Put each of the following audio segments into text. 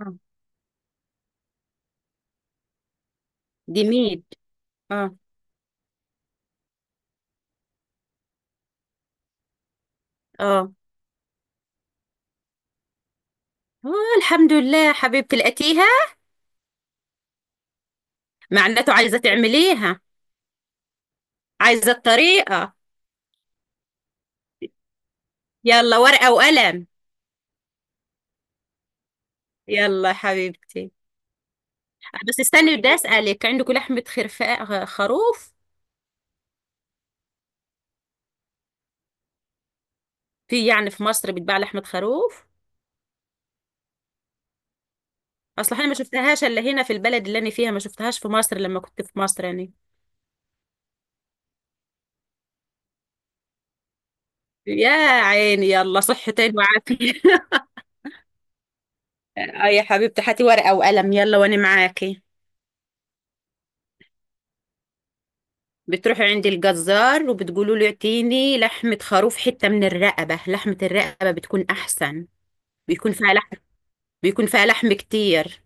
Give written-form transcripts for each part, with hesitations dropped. آه. ديميد. اه. اه. آه، الحمد لله حبيبتي لقيتيها. معناته عايزة تعمليها. عايزة الطريقة. يلا ورقة وقلم. يلا يا حبيبتي. آه، بس استني، بدي أسألك، عندكم لحمة خرفاء خروف؟ يعني في مصر بتباع لحمة خروف؟ اصل انا ما شفتهاش الا هنا في البلد اللي انا فيها، ما شفتهاش في مصر لما كنت في مصر يعني. يا عيني، يلا صحتين وعافية. آه يا حبيبتي، هاتي ورقة وقلم يلا وانا معاكي. بتروحي عند الجزار وبتقولوا له اعطيني لحمة خروف، حتة من الرقبة. لحمة الرقبة بتكون أحسن. بيكون فيها لحم. بيكون فيها لحم كتير.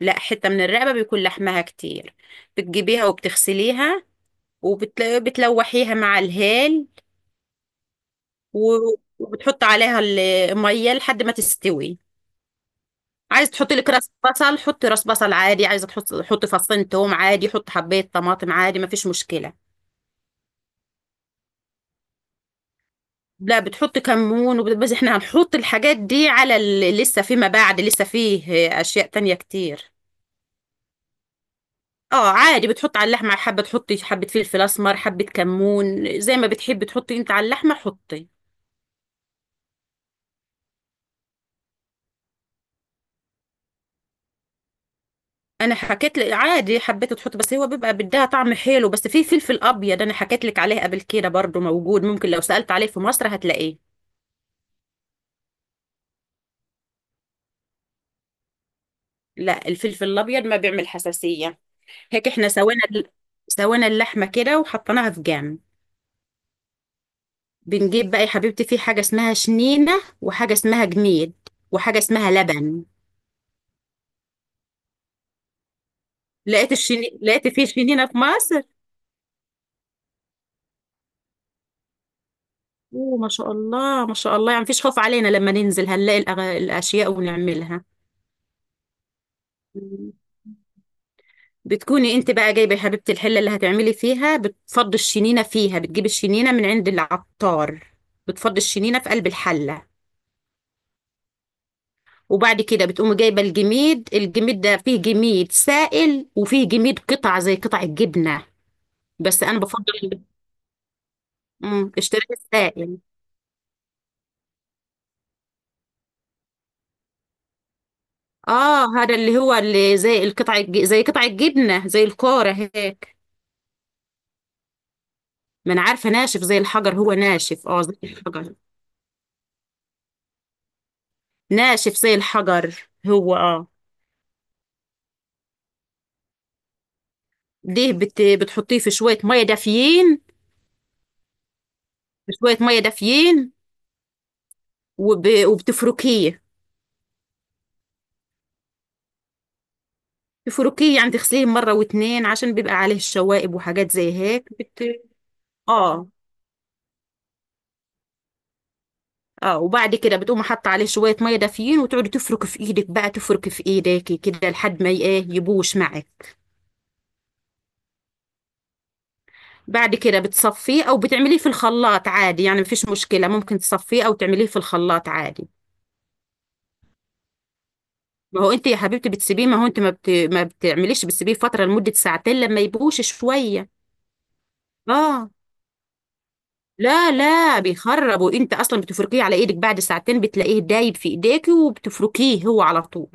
لا، حتة من الرقبة بيكون لحمها كتير. بتجيبيها وبتغسليها وبتلوحيها مع الهيل. وبتحط عليها المية لحد ما تستوي. عايز تحطي لك راس بصل، حطي راس بصل عادي. عايزة حطي فصين توم عادي. حطي حباية طماطم عادي، مفيش مشكلة. لا، بتحط كمون بس احنا هنحط الحاجات دي على لسه فيما بعد. لسه فيه اشياء تانية كتير. اه عادي، بتحط على اللحمة حبة، تحطي حبة فلفل اسمر، حبة كمون، زي ما بتحبي تحطي انت على اللحمة حطي. انا حكيت لك عادي، حبيت تحط، بس هو بيبقى بدها طعم حلو. بس في فلفل ابيض، انا حكيت لك عليه قبل كده برضو، موجود، ممكن لو سألت عليه في مصر هتلاقيه. لا، الفلفل الابيض ما بيعمل حساسية. هيك احنا سوينا اللحمة كده وحطيناها في جنب. بنجيب بقى يا حبيبتي، في حاجة اسمها شنينة وحاجة اسمها جميد وحاجة اسمها لبن. لقيت في شنينة في مصر. اوه، ما شاء الله ما شاء الله، يعني مفيش خوف علينا لما ننزل هنلاقي الأشياء ونعملها. مم. بتكوني انت بقى جايبة يا حبيبتي الحلة اللي هتعملي فيها، بتفضي الشنينة فيها، بتجيبي الشنينة من عند العطار. بتفضي الشنينة في قلب الحلة. وبعد كده بتقومي جايبة الجميد. الجميد ده فيه جميد سائل وفيه جميد قطع زي قطع الجبنة. بس انا بفضل. اشتراك السائل. اه، هذا اللي هو زي قطع الجبنه، زي الكوره هيك. ما انا عارفه، ناشف زي الحجر، هو ناشف اه، زي الحجر. ناشف زي الحجر، هو اه. دي بتحطيه في شويه ميه دافيين. في شويه ميه دافيين وبتفركيه. تفركيه يعني تغسليه مره واتنين عشان بيبقى عليه الشوائب وحاجات زي هيك اه اه، وبعد كده بتقوم حاطه عليه شويه ميه دافيين وتقعدي تفرك في ايدك بقى، تفرك في ايديكي كده لحد ما ي- ايه يبوش معك. بعد كده بتصفيه او بتعمليه في الخلاط عادي، يعني مفيش مشكله، ممكن تصفيه او تعمليه في الخلاط عادي. ما هو انت يا حبيبتي بتسيبيه، ما هو انت ما بتعمليش، بتسيبيه فتره لمده ساعتين لما يبوش شويه. اه، لا لا، بيخرب وانت اصلا بتفركيه على ايدك بعد ساعتين، بتلاقيه دايب في ايديكي وبتفركيه هو على طول.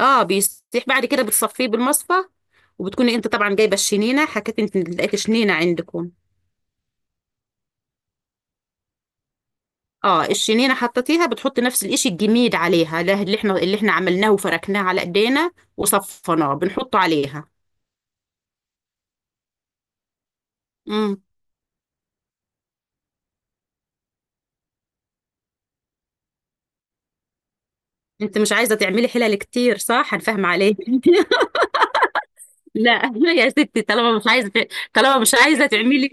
اه بيستيح، بعد كده بتصفيه بالمصفى. وبتكوني انت طبعا جايبه الشنينه، حكيت انت لقيت شنينه عندكم. اه الشنينه حطيتيها، بتحطي نفس الاشي الجميد عليها ده اللي احنا عملناه وفركناه على ايدينا وصفناه، بنحطه عليها. امم انت مش عايزه تعملي حلل كتير، صح؟ هنفهم عليك. لا يا ستي، طالما مش عايزه. طالما مش عايزه تعملي.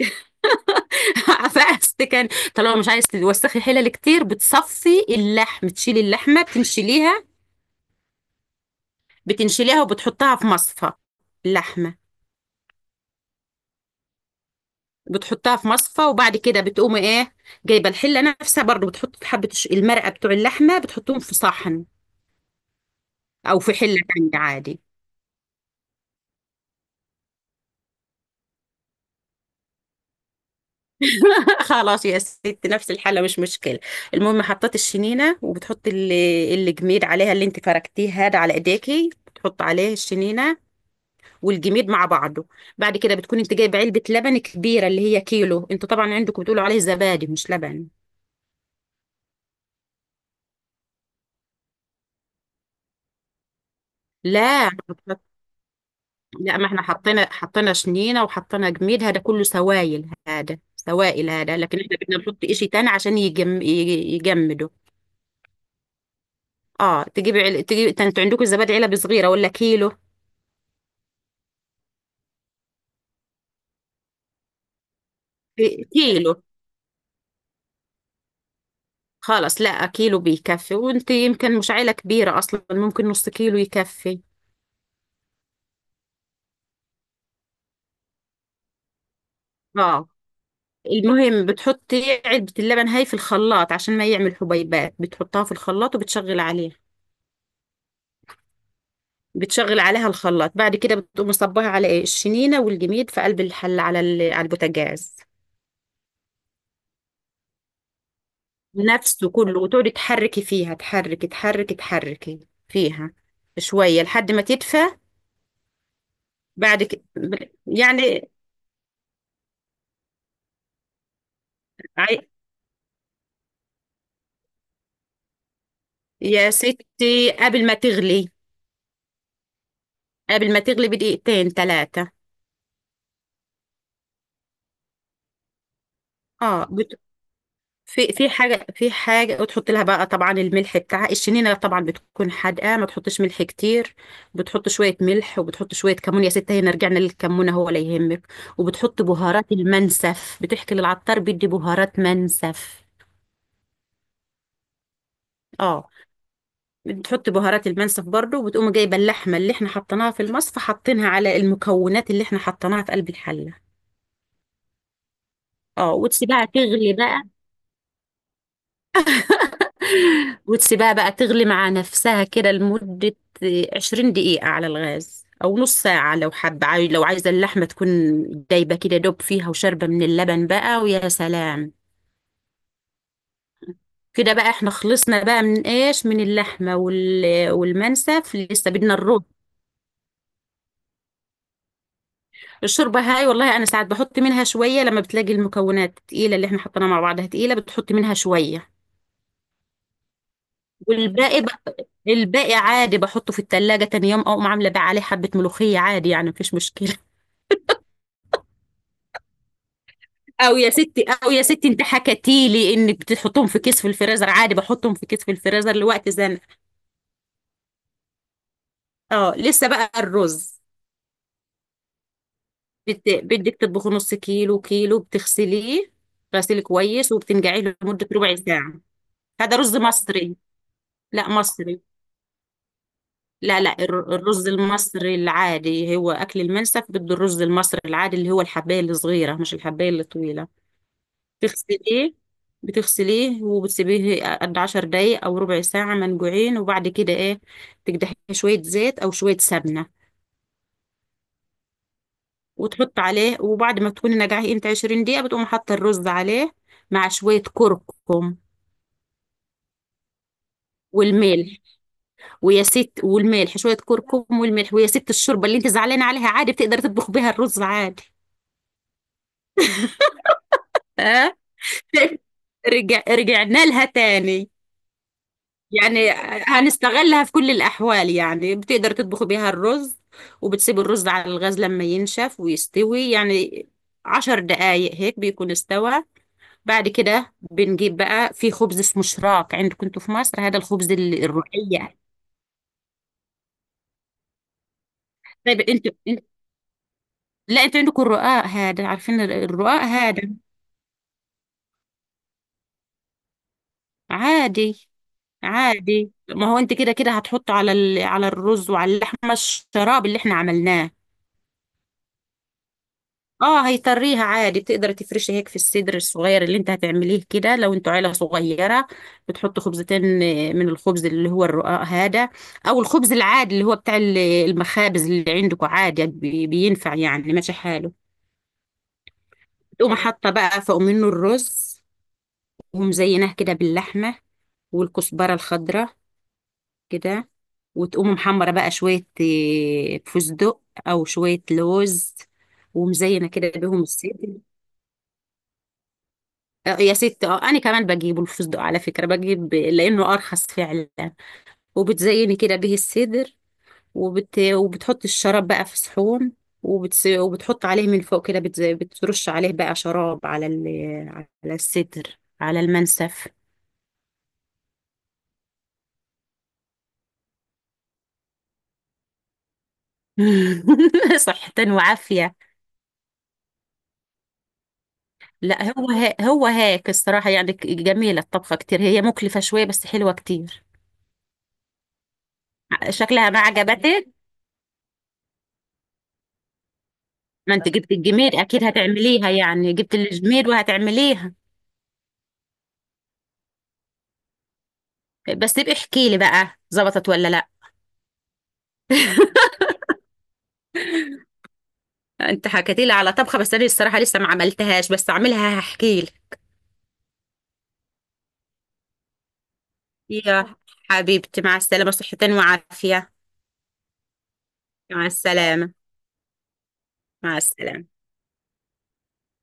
فقست كان. طالما مش عايزه توسخي حلل كتير، بتصفي اللحم، تشيلي اللحمه، بتنشليها. بتنشليها وبتحطها في مصفى. اللحمه بتحطها في مصفى، وبعد كده بتقوم ايه؟ جايبه الحله نفسها برضو، بتحط حبه المرقه بتوع اللحمه، بتحطهم في صحن او في حله تانية عادي. خلاص يا ست، نفس الحله مش مشكله. المهم حطيت الشنينه، وبتحط الجميد عليها اللي انت فركتيه هذا على ايديكي، بتحط عليه الشنينه والجميد مع بعضه. بعد كده بتكون انت جايبه علبه لبن كبيره اللي هي كيلو، انتوا طبعا عندكم بتقولوا عليه زبادي مش لبن. لا لا، ما احنا حطينا شنينه وحطينا جميد، هذا كله سوائل، هذا سوائل، هذا لكن احنا بدنا نحط اشي تاني عشان يجمده. اه تجيبي، ده انتوا عندكم الزبادي علبه صغيره ولا كيلو؟ إيه، كيلو. خلاص، لا كيلو بيكفي، وانت يمكن مش عيله كبيره اصلا، ممكن نص كيلو يكفي. اه، المهم بتحطي علبه اللبن هاي في الخلاط عشان ما يعمل حبيبات، بتحطها في الخلاط وبتشغل عليها. بتشغل عليها الخلاط، بعد كده بتقوم مصبها على ايه الشنينه والجميد في قلب الحل على البوتاجاز. نفسه كله، وتقعدي تحركي فيها، تحركي تحركي تحركي فيها شويه لحد ما تدفى. بعد كده يعني عي- يا ستي، قبل ما تغلي بدقيقتين ثلاثه. اه، في حاجة وتحط لها بقى طبعا الملح بتاعها، الشنينة طبعا بتكون حادقة، ما تحطش ملح كتير. بتحط شوية ملح وبتحط شوية كمون، يا ستة هنا رجعنا للكمون هو لا يهمك. وبتحط بهارات المنسف، بتحكي للعطار بيدي بهارات منسف. اه، بتحط بهارات المنسف برضو، وبتقوم جايبة اللحمة اللي احنا حطيناها في المصفى حاطينها على المكونات اللي احنا حطيناها في قلب الحلة. اه، وتسيبها تغلي بقى. وتسيبها بقى تغلي مع نفسها كده لمدة 20 دقيقة على الغاز، أو نص ساعة لو حابة لو عايزة اللحمة تكون دايبة كده، دوب فيها وشاربة من اللبن بقى ويا سلام. كده بقى احنا خلصنا بقى من اللحمة والمنسف، لسه بدنا الرز. الشوربة هاي والله أنا ساعات بحط منها شوية لما بتلاقي المكونات تقيلة اللي احنا حطيناها مع بعضها تقيلة، بتحط منها شوية. والباقي، عادي بحطه في التلاجة، تاني يوم اقوم عاملة بقى عليه حبة ملوخية عادي، يعني مفيش مشكلة. او يا ستي، انت حكتي لي انك بتحطهم في كيس في الفريزر عادي، بحطهم في كيس في الفريزر لوقت زنقة. اه، لسه بقى الرز. بدك تطبخي نص كيلو كيلو، بتغسليه غسيل كويس وبتنقعيه لمدة ربع ساعة. هذا رز مصري. لا مصري، لا لا، الرز المصري العادي هو اكل المنسف، بده الرز المصري العادي اللي هو الحباية الصغيرة، مش الحباية الطويلة. تغسليه بتغسليه وبتسيبيه قد 10 دقايق او ربع ساعة منقوعين، وبعد كده ايه، تقدحيه شوية زيت او شوية سمنة وتحط عليه، وبعد ما تكوني نقعيه انت 20 دقيقة، بتقوم حاطة الرز عليه مع شوية كركم والملح. ويا ست، والملح شوية كركم والملح، ويا ست الشوربة اللي انت زعلانة عليها، عادي بتقدر تطبخ بيها الرز عادي. اه. رجعنا لها تاني، يعني هنستغلها في كل الأحوال يعني، بتقدر تطبخ بيها الرز. وبتسيب الرز على الغاز لما ينشف ويستوي، يعني 10 دقايق هيك بيكون استوى. بعد كده بنجيب بقى في خبز اسمه شراك، عندكم انتوا في مصر هذا الخبز الرقية. طيب لا، انتوا عندكم الرقاق هذا، عارفين الرقاق هذا. عادي، عادي ما هو انت كده كده هتحطه على الرز وعلى اللحمة الشراب اللي احنا عملناه. اه هيطريها عادي، بتقدري تفرشي هيك في الصدر الصغير اللي انت هتعمليه كده، لو انتوا عيلة صغيرة بتحط خبزتين، من الخبز اللي هو الرقاق هذا، او الخبز العادي اللي هو بتاع المخابز اللي عندكم عادي، بينفع يعني ماشي حاله. تقوم حاطة بقى فوق منه الرز، ومزيناه كده باللحمة والكزبرة الخضراء كده، وتقوم محمرة بقى شوية فستق او شوية لوز، ومزينة كده بيهم الصدر. آه يا ستي، اه انا كمان بجيبه الفستق على فكره، بجيب لانه ارخص فعلا. وبتزيني كده به الصدر. وبتحط الشراب بقى في صحون. وبتحط عليه من فوق كده، بترش عليه بقى شراب على الصدر، على المنسف. صحة وعافية. لا هو هو هاك الصراحة يعني، جميلة الطبخة كتير، هي مكلفة شوية بس حلوة كتير. شكلها ما عجبتك؟ ما انت جبت الجميل اكيد هتعمليها يعني، جبت الجميل وهتعمليها. بس نبقى احكي لي بقى، ظبطت ولا لا؟ انت حكيتي لي على طبخه بس انا الصراحه لسه ما عملتهاش، بس اعملها هحكي لي. يا حبيبتي مع السلامه، صحتين وعافيه. مع السلامه. مع السلامه.